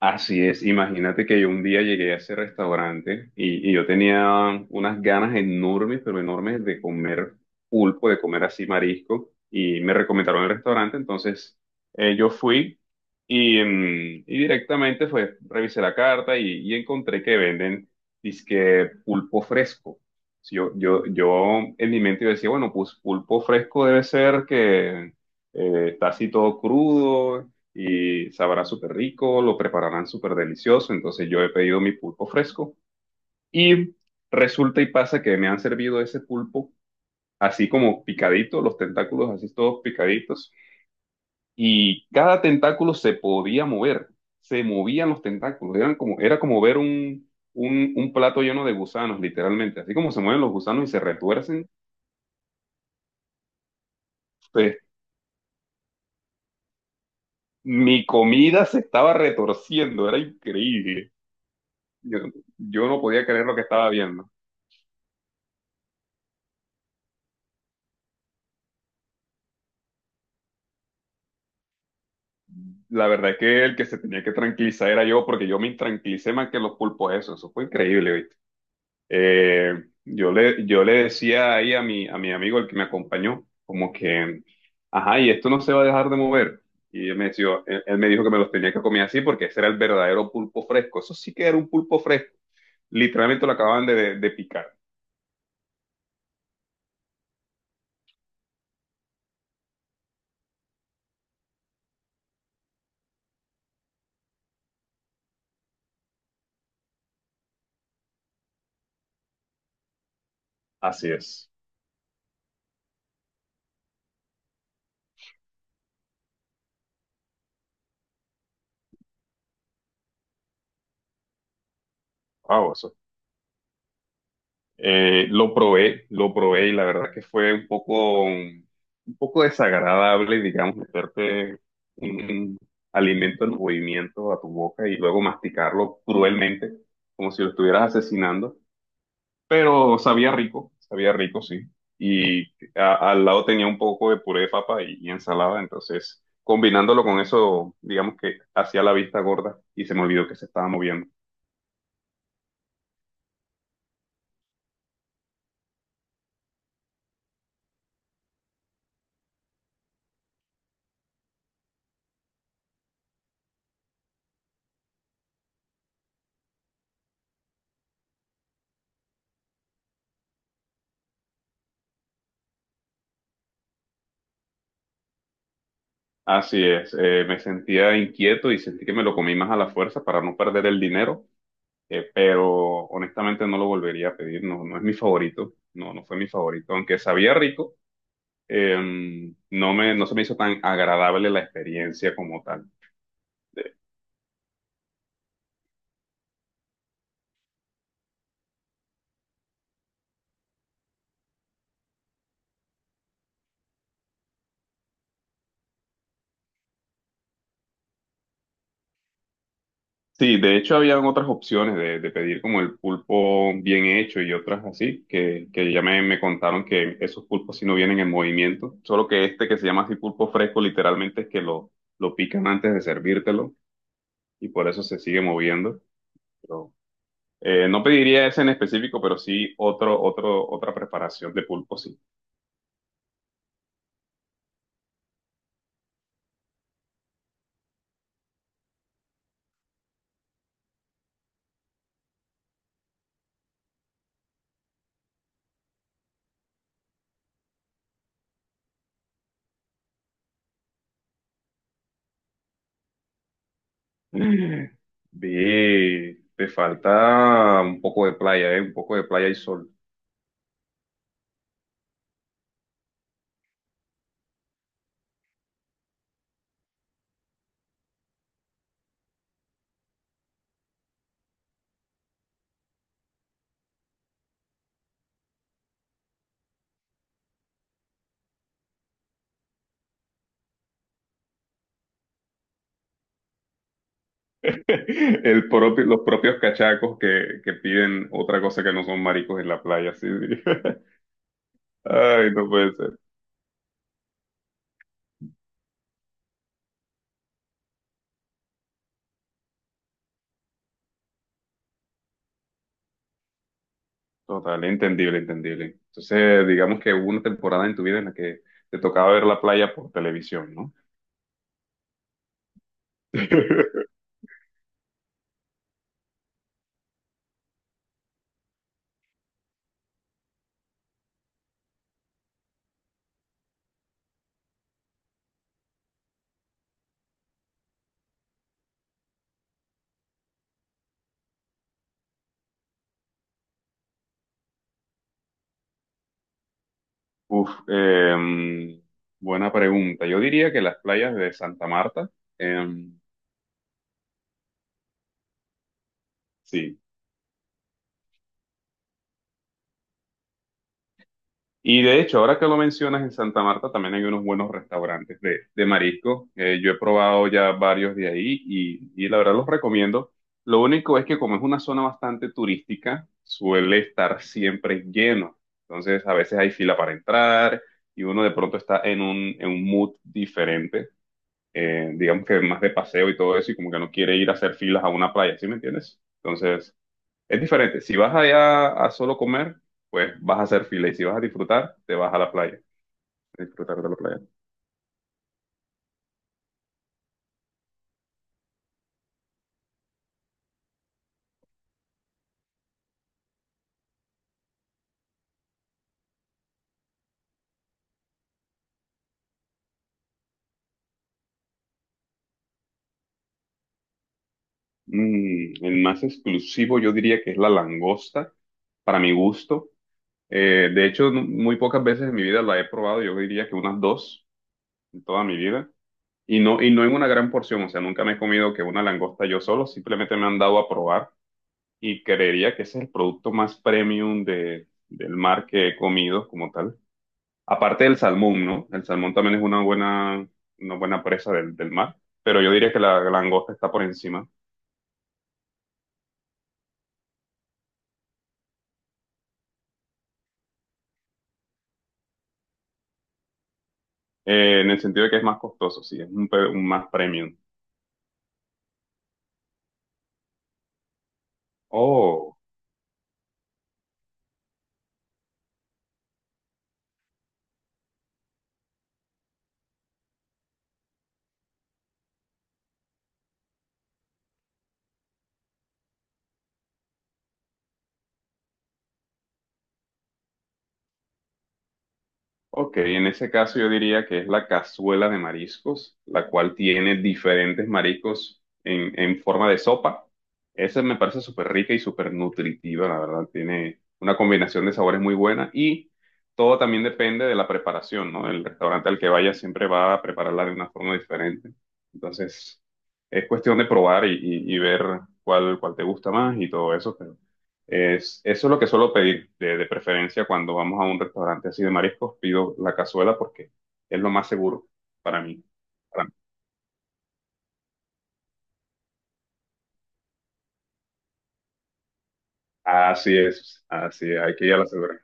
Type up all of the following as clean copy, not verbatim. Así es, imagínate que yo un día llegué a ese restaurante y yo tenía unas ganas enormes, pero enormes de comer pulpo, de comer así marisco, y me recomendaron el restaurante. Entonces yo fui y directamente pues revisé la carta y encontré que venden disque pulpo fresco. Si yo en mi mente yo decía, bueno, pues pulpo fresco debe ser que está así todo crudo y sabrá súper rico, lo prepararán súper delicioso. Entonces yo he pedido mi pulpo fresco y resulta y pasa que me han servido ese pulpo así como picadito, los tentáculos así todos picaditos, y cada tentáculo se podía mover, se movían los tentáculos, eran como, era como ver un plato lleno de gusanos, literalmente, así como se mueven los gusanos y se retuercen. Pues, mi comida se estaba retorciendo, era increíble. Yo, yo no podía creer lo que estaba viendo. La verdad es que el que se tenía que tranquilizar era yo, porque yo me intranquilicé más que los pulpos eso. Eso fue increíble, ¿viste? Yo le decía ahí a mi amigo, el que me acompañó, como que, ajá, y esto no se va a dejar de mover. Y él me decía, él me dijo que me los tenía que comer así porque ese era el verdadero pulpo fresco. Eso sí que era un pulpo fresco. Literalmente lo acababan de picar. Así es. Wow, eso. Lo probé y la verdad que fue un poco desagradable, digamos, meterte un alimento en movimiento a tu boca y luego masticarlo cruelmente, como si lo estuvieras asesinando, pero sabía rico, sí. Y al lado tenía un poco de puré de papa y ensalada, entonces combinándolo con eso, digamos que hacía la vista gorda y se me olvidó que se estaba moviendo. Así es, me sentía inquieto y sentí que me lo comí más a la fuerza para no perder el dinero. Pero honestamente no lo volvería a pedir, no, no es mi favorito, no, no fue mi favorito, aunque sabía rico. eh, no se me hizo tan agradable la experiencia como tal. De- sí, de hecho habían otras opciones de pedir como el pulpo bien hecho y otras así, que ya me contaron que esos pulpos sí no vienen en movimiento, solo que este que se llama así pulpo fresco literalmente es que lo pican antes de servírtelo y por eso se sigue moviendo. Pero, no pediría ese en específico, pero sí otra preparación de pulpo, sí. Ve, te falta un poco de playa, ¿eh? Un poco de playa y sol. Los propios cachacos que piden otra cosa que no son maricos en la playa, sí, sí. Ay, no puede ser. Total, entendible, entendible. Entonces, digamos que hubo una temporada en tu vida en la que te tocaba ver la playa por televisión, ¿no? Uf, buena pregunta. Yo diría que las playas de Santa Marta, em, sí. Y de hecho, ahora que lo mencionas, en Santa Marta también hay unos buenos restaurantes de marisco. Yo he probado ya varios de ahí y la verdad los recomiendo. Lo único es que como es una zona bastante turística, suele estar siempre lleno. Entonces, a veces hay fila para entrar y uno de pronto está en un mood diferente. Digamos que más de paseo y todo eso, y como que no quiere ir a hacer filas a una playa, ¿sí me entiendes? Entonces, es diferente. Si vas allá a solo comer, pues vas a hacer fila, y si vas a disfrutar, te vas a la playa, a disfrutar de la playa. El más exclusivo yo diría que es la langosta, para mi gusto. De hecho, muy pocas veces en mi vida la he probado, yo diría que unas dos en toda mi vida. Y no en una gran porción, o sea, nunca me he comido que una langosta yo solo, simplemente me han dado a probar y creería que ese es el producto más premium del mar que he comido como tal. Aparte del salmón, ¿no? El salmón también es una buena presa del mar, pero yo diría que la langosta está por encima, en el sentido de que es más costoso, sí, es un, un más premium. Oh. Ok, en ese caso yo diría que es la cazuela de mariscos, la cual tiene diferentes mariscos en forma de sopa. Esa me parece súper rica y súper nutritiva, la verdad. Tiene una combinación de sabores muy buena y todo también depende de la preparación, ¿no? El restaurante al que vaya siempre va a prepararla de una forma diferente. Entonces, es cuestión de probar y ver cuál te gusta más y todo eso es lo que suelo pedir de preferencia cuando vamos a un restaurante así de mariscos. Pido la cazuela porque es lo más seguro para mí. Para mí. Así es, hay que ir a la segura.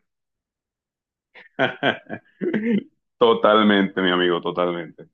Totalmente, mi amigo, totalmente.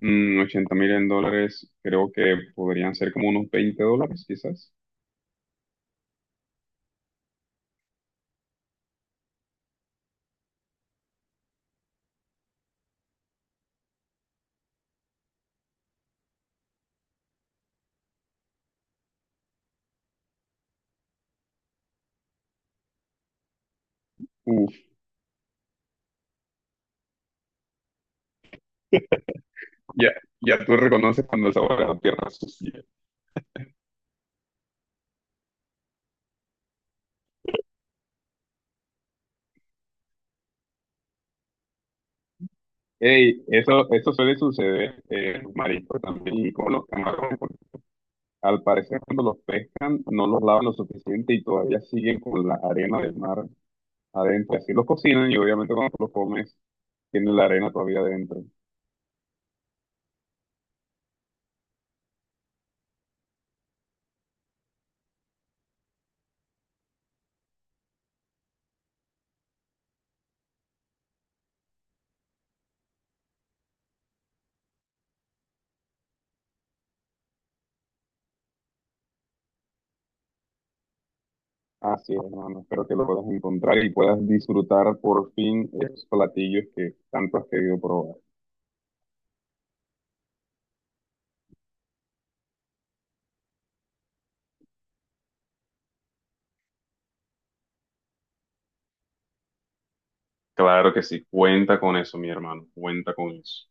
80 mil en dólares, creo que podrían ser como unos $20, quizás. Uf, ya, ya tú reconoces cuando el sabor de la tierra sucia. Ey, eso suele suceder en los mariscos también, y con los camarones. Al parecer, cuando los pescan, no los lavan lo suficiente y todavía siguen con la arena del mar adentro. Así los cocinan y obviamente cuando los comes, tienen la arena todavía adentro. Así es, hermano. Espero que lo puedas encontrar y puedas disfrutar por fin esos platillos que tanto has querido probar. Claro que sí, cuenta con eso, mi hermano, cuenta con eso.